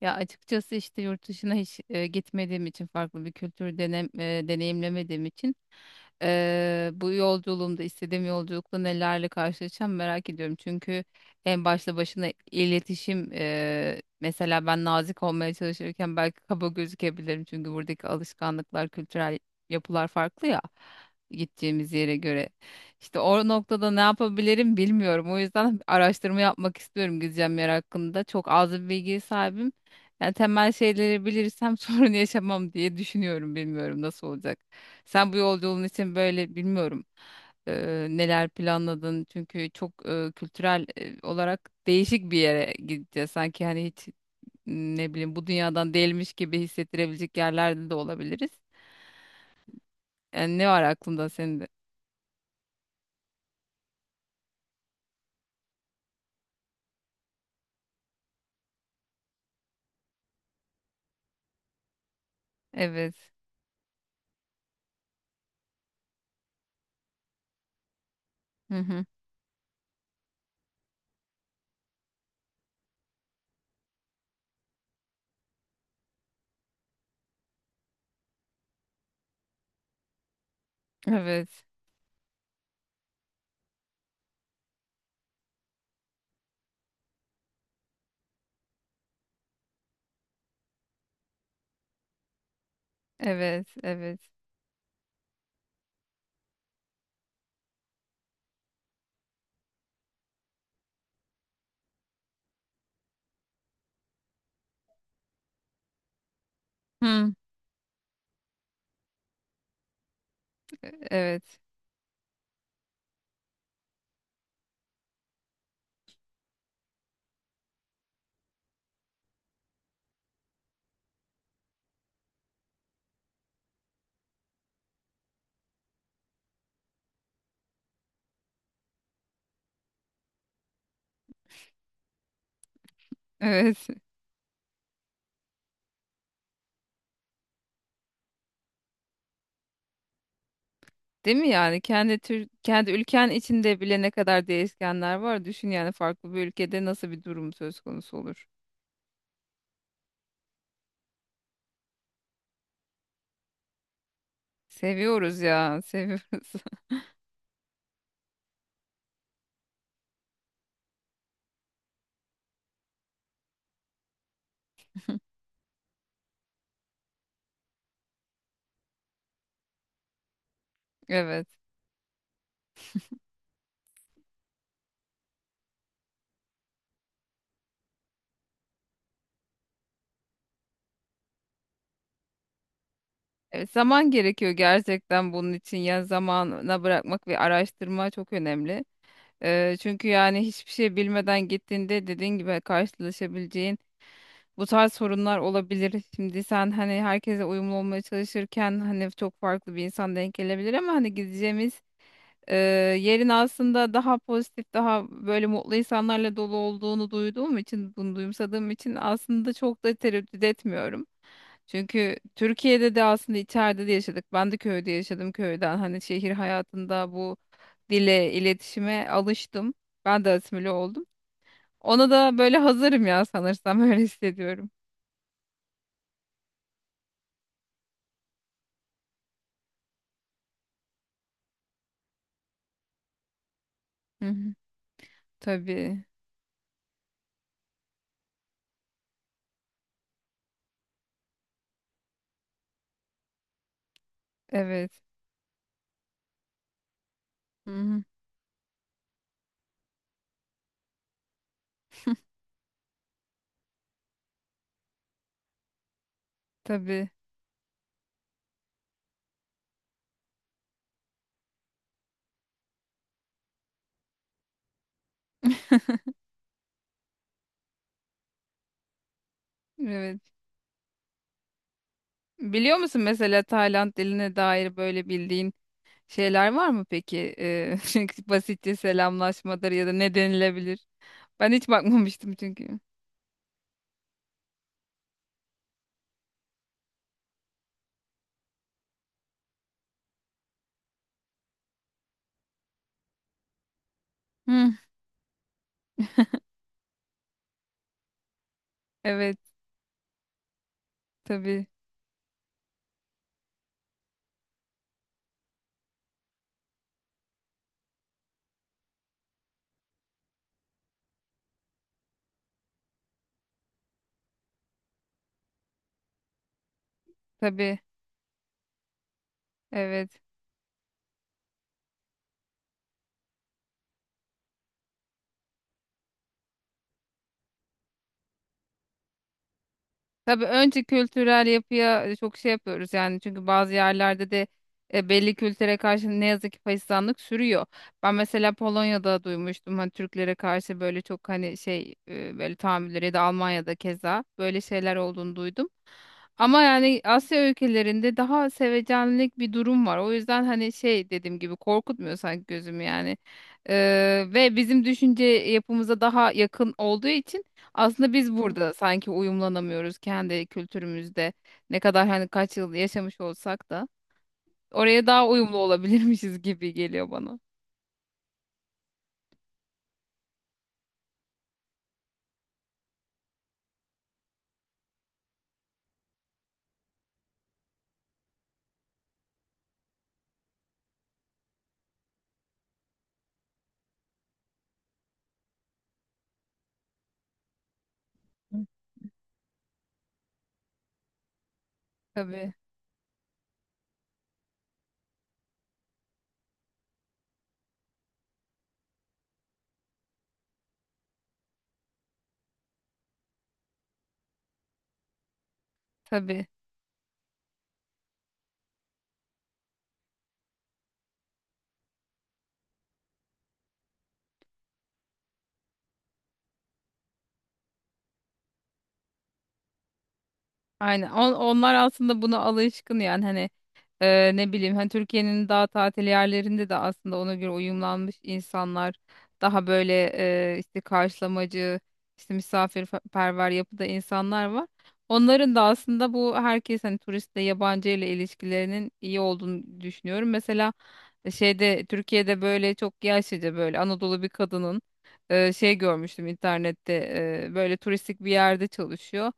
Ya açıkçası işte yurt dışına hiç gitmediğim için farklı bir kültür deneyimlemediğim için bu yolculuğumda istediğim yolculukta nelerle karşılaşacağım merak ediyorum. Çünkü en başta başına iletişim mesela ben nazik olmaya çalışırken belki kaba gözükebilirim. Çünkü buradaki alışkanlıklar, kültürel yapılar farklı ya, gideceğimiz yere göre. İşte o noktada ne yapabilirim bilmiyorum. O yüzden araştırma yapmak istiyorum gideceğim yer hakkında. Çok az bir bilgiye sahibim. Yani temel şeyleri bilirsem sorun yaşamam diye düşünüyorum. Bilmiyorum nasıl olacak. Sen bu yolculuğun için böyle bilmiyorum neler planladın, çünkü çok kültürel olarak değişik bir yere gideceğiz. Sanki hani hiç, ne bileyim, bu dünyadan değilmiş gibi hissettirebilecek yerlerde de olabiliriz. Yani ne var aklında senin de? Evet. Hı hı. Evet. Evet. Evet. Hı. Evet. Evet. Değil mi yani, kendi tür kendi ülken içinde bile ne kadar değişkenler var. Düşün yani farklı bir ülkede nasıl bir durum söz konusu olur. Seviyoruz ya, seviyoruz. Evet. Evet, zaman gerekiyor gerçekten bunun için. Ya zamana bırakmak ve araştırma çok önemli. Çünkü yani hiçbir şey bilmeden gittiğinde, dediğin gibi, karşılaşabileceğin bu tarz sorunlar olabilir. Şimdi sen hani herkese uyumlu olmaya çalışırken hani çok farklı bir insan denk gelebilir, ama hani gideceğimiz e, yerin aslında daha pozitif, daha böyle mutlu insanlarla dolu olduğunu duyduğum için, bunu duyumsadığım için aslında çok da tereddüt etmiyorum. Çünkü Türkiye'de de aslında içeride de yaşadık. Ben de köyde yaşadım, köyden. Hani şehir hayatında bu dile, iletişime alıştım. Ben de asimile oldum. Ona da böyle hazırım ya sanırsam, öyle hissediyorum. Hı hı. Tabii. Evet. Hı hı. Tabii. Evet. Biliyor musun, mesela Tayland diline dair böyle bildiğin şeyler var mı peki? Çünkü basitçe selamlaşmadır ya da ne denilebilir? Ben hiç bakmamıştım çünkü. Hı. Evet. Tabii. Tabii. Evet. Tabii, önce kültürel yapıya çok şey yapıyoruz yani, çünkü bazı yerlerde de belli kültüre karşı ne yazık ki faşizanlık sürüyor. Ben mesela Polonya'da duymuştum hani Türklere karşı böyle çok hani şey böyle tahammülleri, ya da Almanya'da keza böyle şeyler olduğunu duydum. Ama yani Asya ülkelerinde daha sevecenlik bir durum var. O yüzden hani şey, dediğim gibi korkutmuyor sanki gözümü yani. Ve bizim düşünce yapımıza daha yakın olduğu için aslında biz burada sanki uyumlanamıyoruz kendi kültürümüzde. Ne kadar hani kaç yıl yaşamış olsak da oraya daha uyumlu olabilirmişiz gibi geliyor bana. Tabii, tabii. Aynen. Onlar aslında buna alışkın yani hani. Ne bileyim, hani Türkiye'nin daha tatil yerlerinde de aslında ona göre uyumlanmış insanlar, daha böyle işte karşılamacı, işte misafirperver yapıda insanlar var. Onların da aslında bu herkes hani turistle, yabancı ile ilişkilerinin iyi olduğunu düşünüyorum. Mesela şeyde, Türkiye'de böyle çok yaşlıca böyle Anadolu bir kadının şey görmüştüm internette, böyle turistik bir yerde çalışıyor,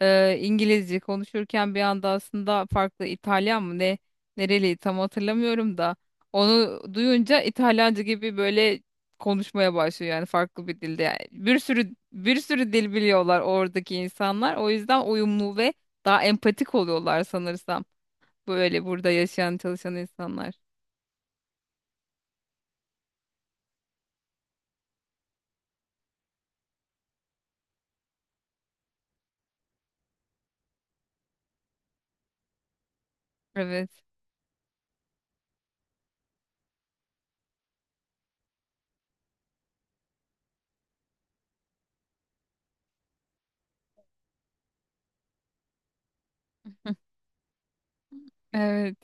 İngilizce konuşurken bir anda aslında farklı, İtalyan mı ne, nereli tam hatırlamıyorum da, onu duyunca İtalyanca gibi böyle konuşmaya başlıyor, yani farklı bir dilde. Yani bir sürü bir sürü dil biliyorlar oradaki insanlar. O yüzden uyumlu ve daha empatik oluyorlar sanırsam. Böyle burada yaşayan, çalışan insanlar. Evet. Evet.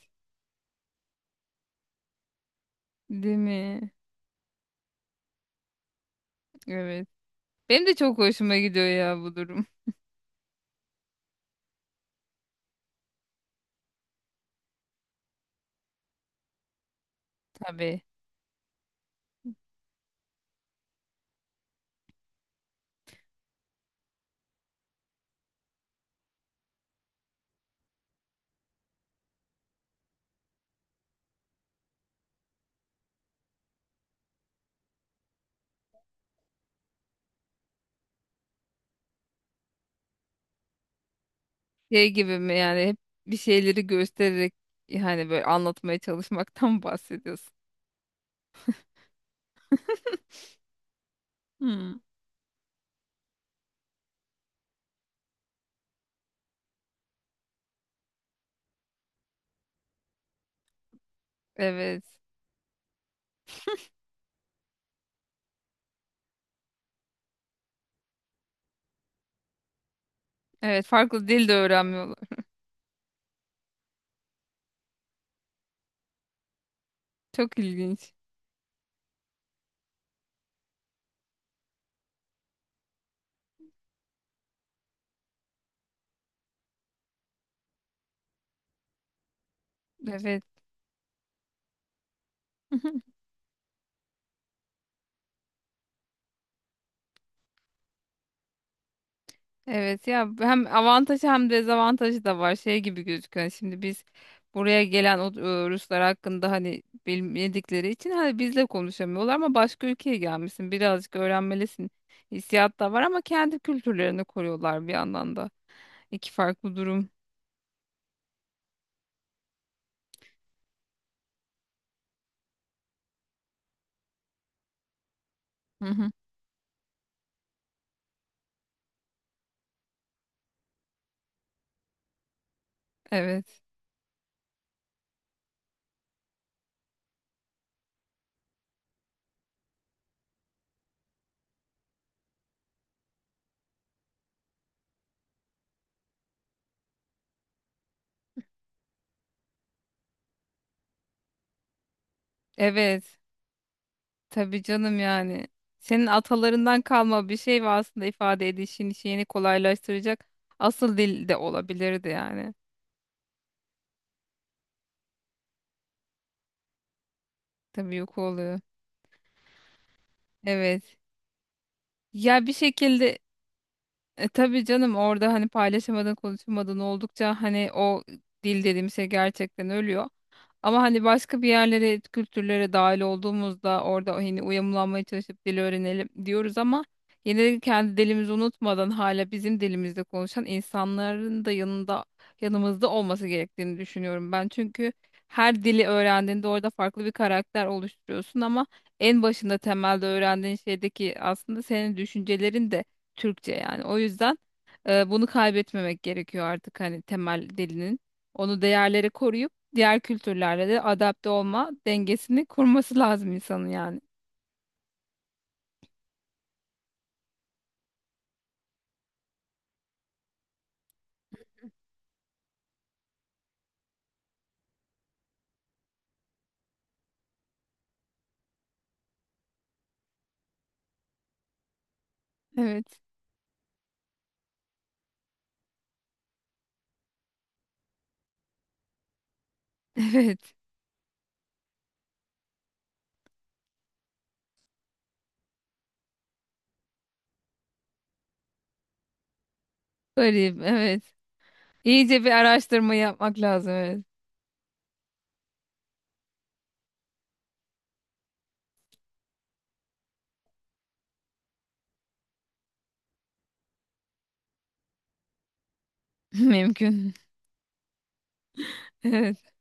Değil mi? Evet. Benim de çok hoşuma gidiyor ya bu durum. Tabii. Şey gibi mi yani, hep bir şeyleri göstererek, yani böyle anlatmaya çalışmaktan bahsediyorsun. Hmm. Evet. Evet, farklı dil de öğrenmiyorlar. Çok ilginç. Evet. Evet ya, hem avantajı hem dezavantajı da var. Şey gibi gözüküyor. Yani şimdi biz buraya gelen o Ruslar hakkında, hani bilmedikleri için hani bizle konuşamıyorlar, ama başka ülkeye gelmişsin. Birazcık öğrenmelisin. Hissiyat da var, ama kendi kültürlerini koruyorlar bir yandan da. İki farklı durum. Hı hı. Evet. Evet. Tabii canım yani. Senin atalarından kalma bir şey ve aslında ifade edişin şeyini kolaylaştıracak asıl dil de olabilirdi yani. Tabii, yok oluyor. Evet. Ya bir şekilde tabii canım, orada hani paylaşamadın, konuşamadın oldukça hani o dil dediğim şey gerçekten ölüyor. Ama hani başka bir yerlere, kültürlere dahil olduğumuzda orada hani uyumlanmaya çalışıp dil öğrenelim diyoruz, ama yine de kendi dilimizi unutmadan hala bizim dilimizde konuşan insanların da yanında, yanımızda olması gerektiğini düşünüyorum ben. Çünkü her dili öğrendiğinde orada farklı bir karakter oluşturuyorsun, ama en başında temelde öğrendiğin şeydeki aslında senin düşüncelerin de Türkçe yani. O yüzden bunu kaybetmemek gerekiyor artık, hani temel dilinin. Onu, değerleri koruyup diğer kültürlerle de adapte olma dengesini kurması lazım insanın yani. Evet. Evet. Garip. Evet. İyice bir araştırma yapmak lazım. Evet. Mümkün. Evet.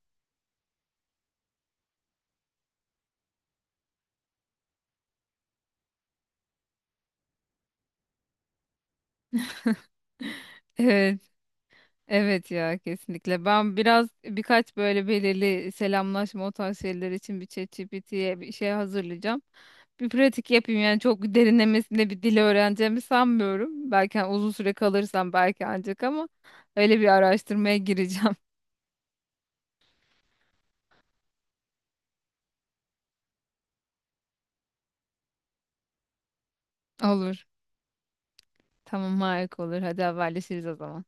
Evet. Evet ya, kesinlikle. Ben biraz birkaç böyle belirli selamlaşma, o tarz şeyler için bir ChatGPT'ye bir şey hazırlayacağım. Bir pratik yapayım, yani çok derinlemesine bir dil öğreneceğimi sanmıyorum. Belki hani uzun süre kalırsam belki ancak, ama öyle bir araştırmaya gireceğim. Olur. Tamam, harika olur. Hadi haberleşiriz o zaman.